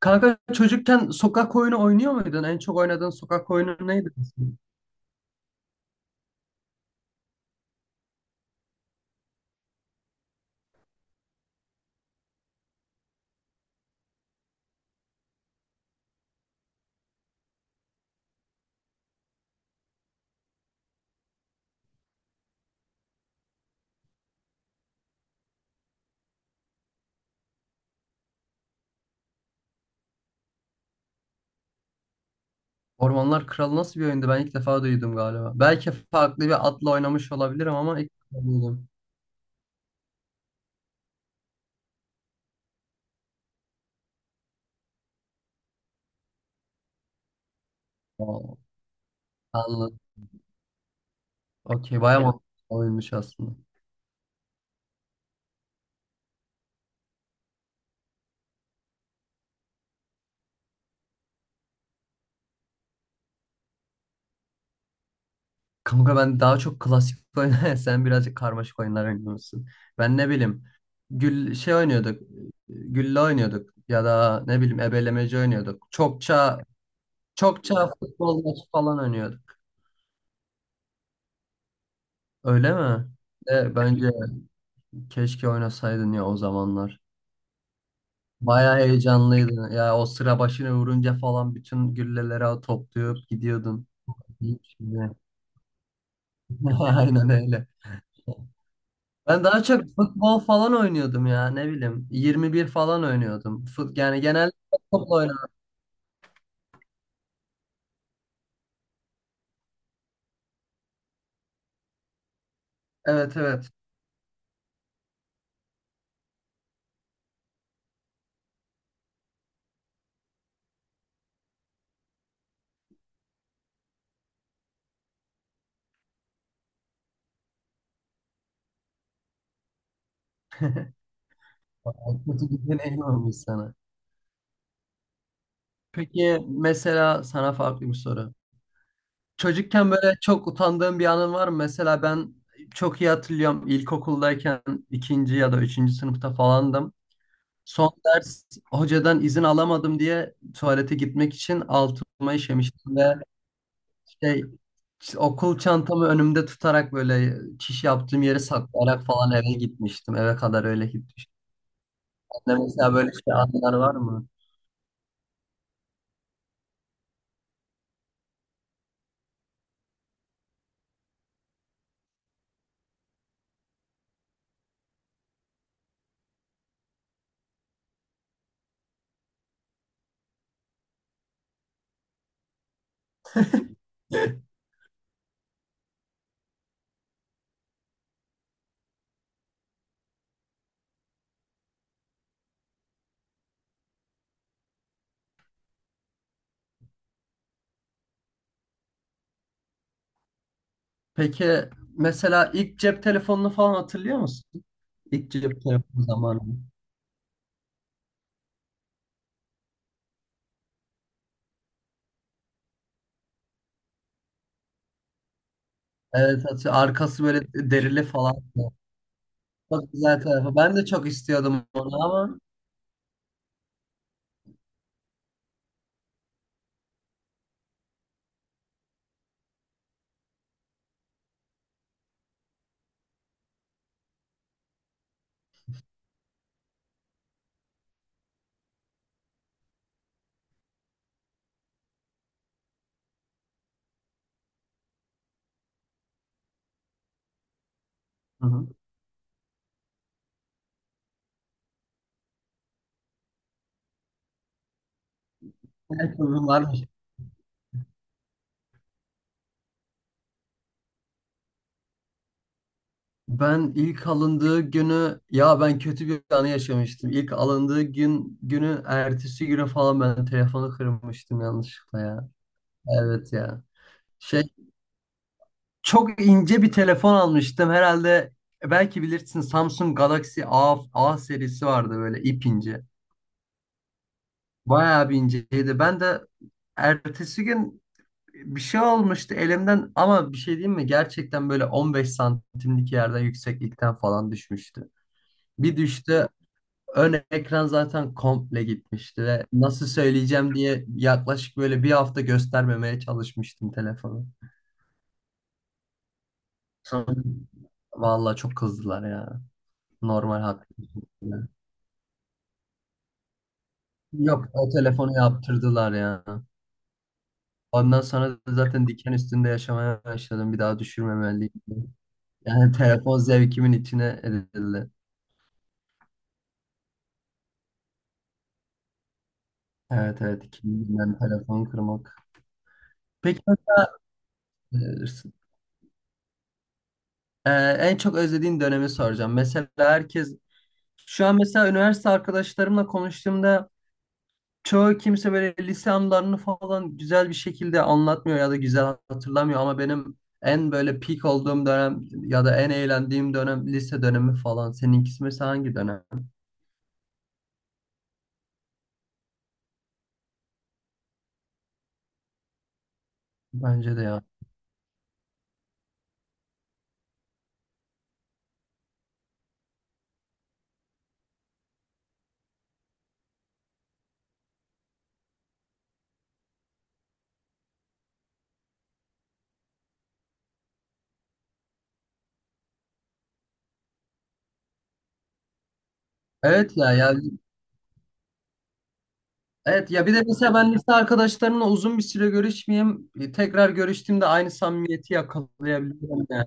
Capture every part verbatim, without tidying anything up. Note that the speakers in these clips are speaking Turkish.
Kanka çocukken sokak oyunu oynuyor muydun? En çok oynadığın sokak oyunu neydi? mesela? Ormanlar Kralı nasıl bir oyundu? Ben ilk defa duydum galiba. Belki farklı bir adla oynamış olabilirim ama ilk defa duydum. Wow. Anladım. Okey bayağı mantıklı oyunmuş aslında. Kanka ben daha çok klasik oynar. Sen birazcık karmaşık oyunlar oynuyorsun. Ben ne bileyim. Gül şey oynuyorduk. Gülle oynuyorduk. Ya da ne bileyim ebelemeci oynuyorduk. Çokça çokça futbol maçı falan oynuyorduk. Öyle mi? E, bence keşke oynasaydın ya o zamanlar. Bayağı heyecanlıydın. Ya o sıra başına vurunca falan bütün gülleleri toplayıp gidiyordun. Hiç bile. Aynen öyle. Ben daha çok futbol falan oynuyordum ya ne bileyim. yirmi bir falan oynuyordum. Fut yani genelde topla oynardım. Evet, evet. Kötü bir deneyim olmuş sana. Peki mesela sana farklı bir soru. Çocukken böyle çok utandığım bir anın var mı? Mesela ben çok iyi hatırlıyorum ilkokuldayken ikinci ya da üçüncü sınıfta falandım. Son ders hocadan izin alamadım diye tuvalete gitmek için altıma işemiştim ve şey, okul çantamı önümde tutarak böyle çiş yaptığım yeri saklayarak falan eve gitmiştim. Eve kadar öyle gitmiştim. Sende mesela böyle şey anlar var mı? Peki mesela ilk cep telefonunu falan hatırlıyor musun? İlk cep telefonu zamanı. Evet atıyor. Arkası böyle derili falan. Çok güzel tarafı. Ben de çok istiyordum onu ama hı hı. Evet, uygun varmış. Ben ilk alındığı günü ya ben kötü bir anı yaşamıştım. İlk alındığı gün günü ertesi güne falan ben telefonu kırmıştım yanlışlıkla ya. Evet ya. Şey Çok ince bir telefon almıştım herhalde. e, Belki bilirsin Samsung Galaxy A, A serisi vardı böyle ip ince. Bayağı bir inceydi. Ben de ertesi gün bir şey olmuştu elimden ama bir şey diyeyim mi? Gerçekten böyle on beş santimlik yerden yükseklikten falan düşmüştü. Bir düştü, ön ekran zaten komple gitmişti ve nasıl söyleyeceğim diye yaklaşık böyle bir hafta göstermemeye çalışmıştım telefonu. Sonra vallahi çok kızdılar ya. Normal haklı. Yok o telefonu yaptırdılar ya. Ondan sonra da zaten diken üstünde yaşamaya başladım. Bir daha düşürmemeliyim. Yani telefon zevkimin içine edildi. Evet, evet. Kimden telefon kırmak. Peki e, en çok özlediğin dönemi soracağım. Mesela herkes şu an mesela üniversite arkadaşlarımla konuştuğumda çoğu kimse böyle lise anılarını falan güzel bir şekilde anlatmıyor ya da güzel hatırlamıyor ama benim en böyle peak olduğum dönem ya da en eğlendiğim dönem lise dönemi falan. Seninkisi mesela hangi dönem? Bence de ya. Evet ya ya Evet ya, bir de mesela ben lise arkadaşlarımla uzun bir süre görüşmeyeyim. E, Tekrar görüştüğümde aynı samimiyeti yakalayabilirim yani.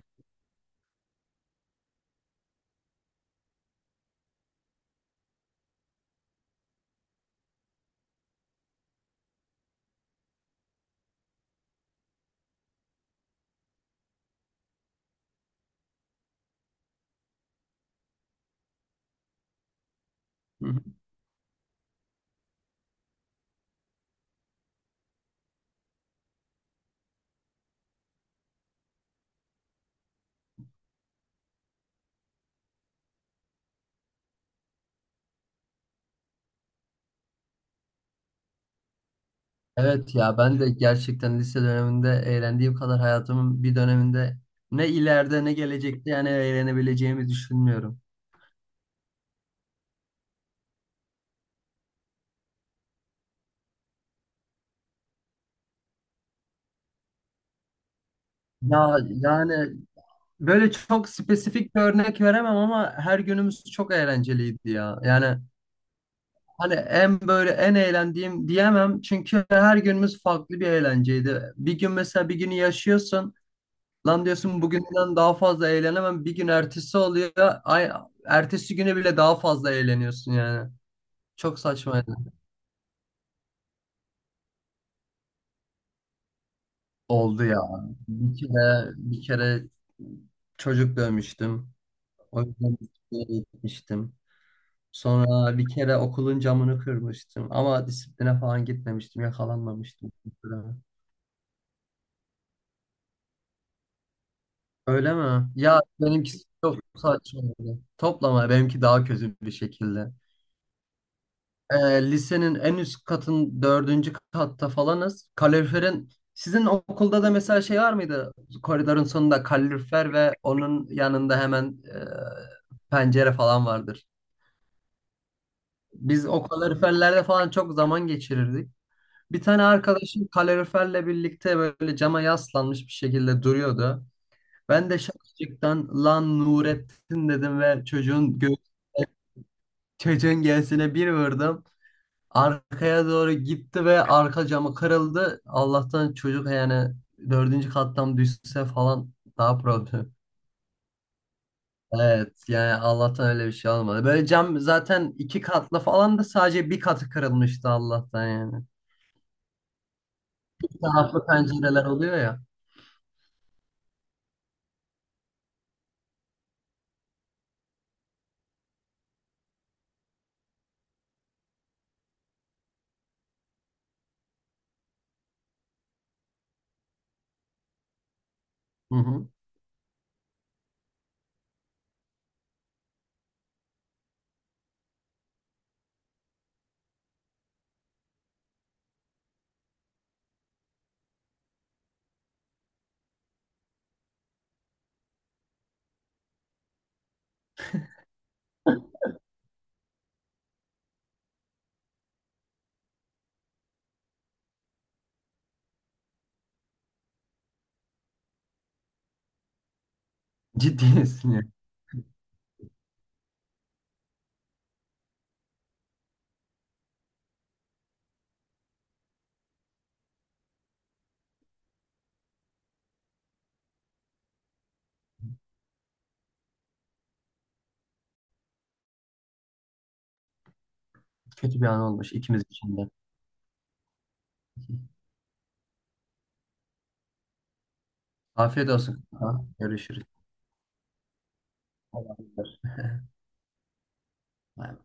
Hı hı. Evet ya, ben de gerçekten lise döneminde eğlendiğim kadar hayatımın bir döneminde ne ileride ne gelecekte yani eğlenebileceğimi düşünmüyorum. Ya yani böyle çok spesifik bir örnek veremem ama her günümüz çok eğlenceliydi ya. Yani hani en böyle en eğlendiğim diyemem çünkü her günümüz farklı bir eğlenceydi. Bir gün mesela bir günü yaşıyorsun. Lan diyorsun bugünden daha fazla eğlenemem. Bir gün ertesi oluyor. Ay, ertesi güne bile daha fazla eğleniyorsun yani. Çok saçmaydı. Oldu ya. Bir kere, bir kere çocuk dövmüştüm. O yüzden disipline gitmiştim. Sonra bir kere okulun camını kırmıştım. Ama disipline falan gitmemiştim. Yakalanmamıştım. Öyle mi? Ya benimkisi çok saçmaydı. Toplama benimki daha kötü bir şekilde. e, Lisenin en üst katın dördüncü katta falanız. Kaloriferin sizin okulda da mesela şey var mıydı? Koridorun sonunda kalorifer ve onun yanında hemen e, pencere falan vardır. Biz o kaloriferlerde falan çok zaman geçirirdik. Bir tane arkadaşım kaloriferle birlikte böyle cama yaslanmış bir şekilde duruyordu. Ben de şakacıktan lan Nurettin dedim ve çocuğun gö çocuğun göğsüne bir vurdum. Arkaya doğru gitti ve arka camı kırıldı. Allah'tan çocuk yani dördüncü kattan düşse falan daha problem. Evet yani Allah'tan öyle bir şey olmadı. Böyle cam zaten iki katlı falan da sadece bir katı kırılmıştı Allah'tan yani. İki taraflı pencereler oluyor ya. Hı hı. Ciddi misin ya? Kötü bir an olmuş ikimiz için de. Afiyet olsun. Ha, görüşürüz. Allah'a emanet. Bay bay.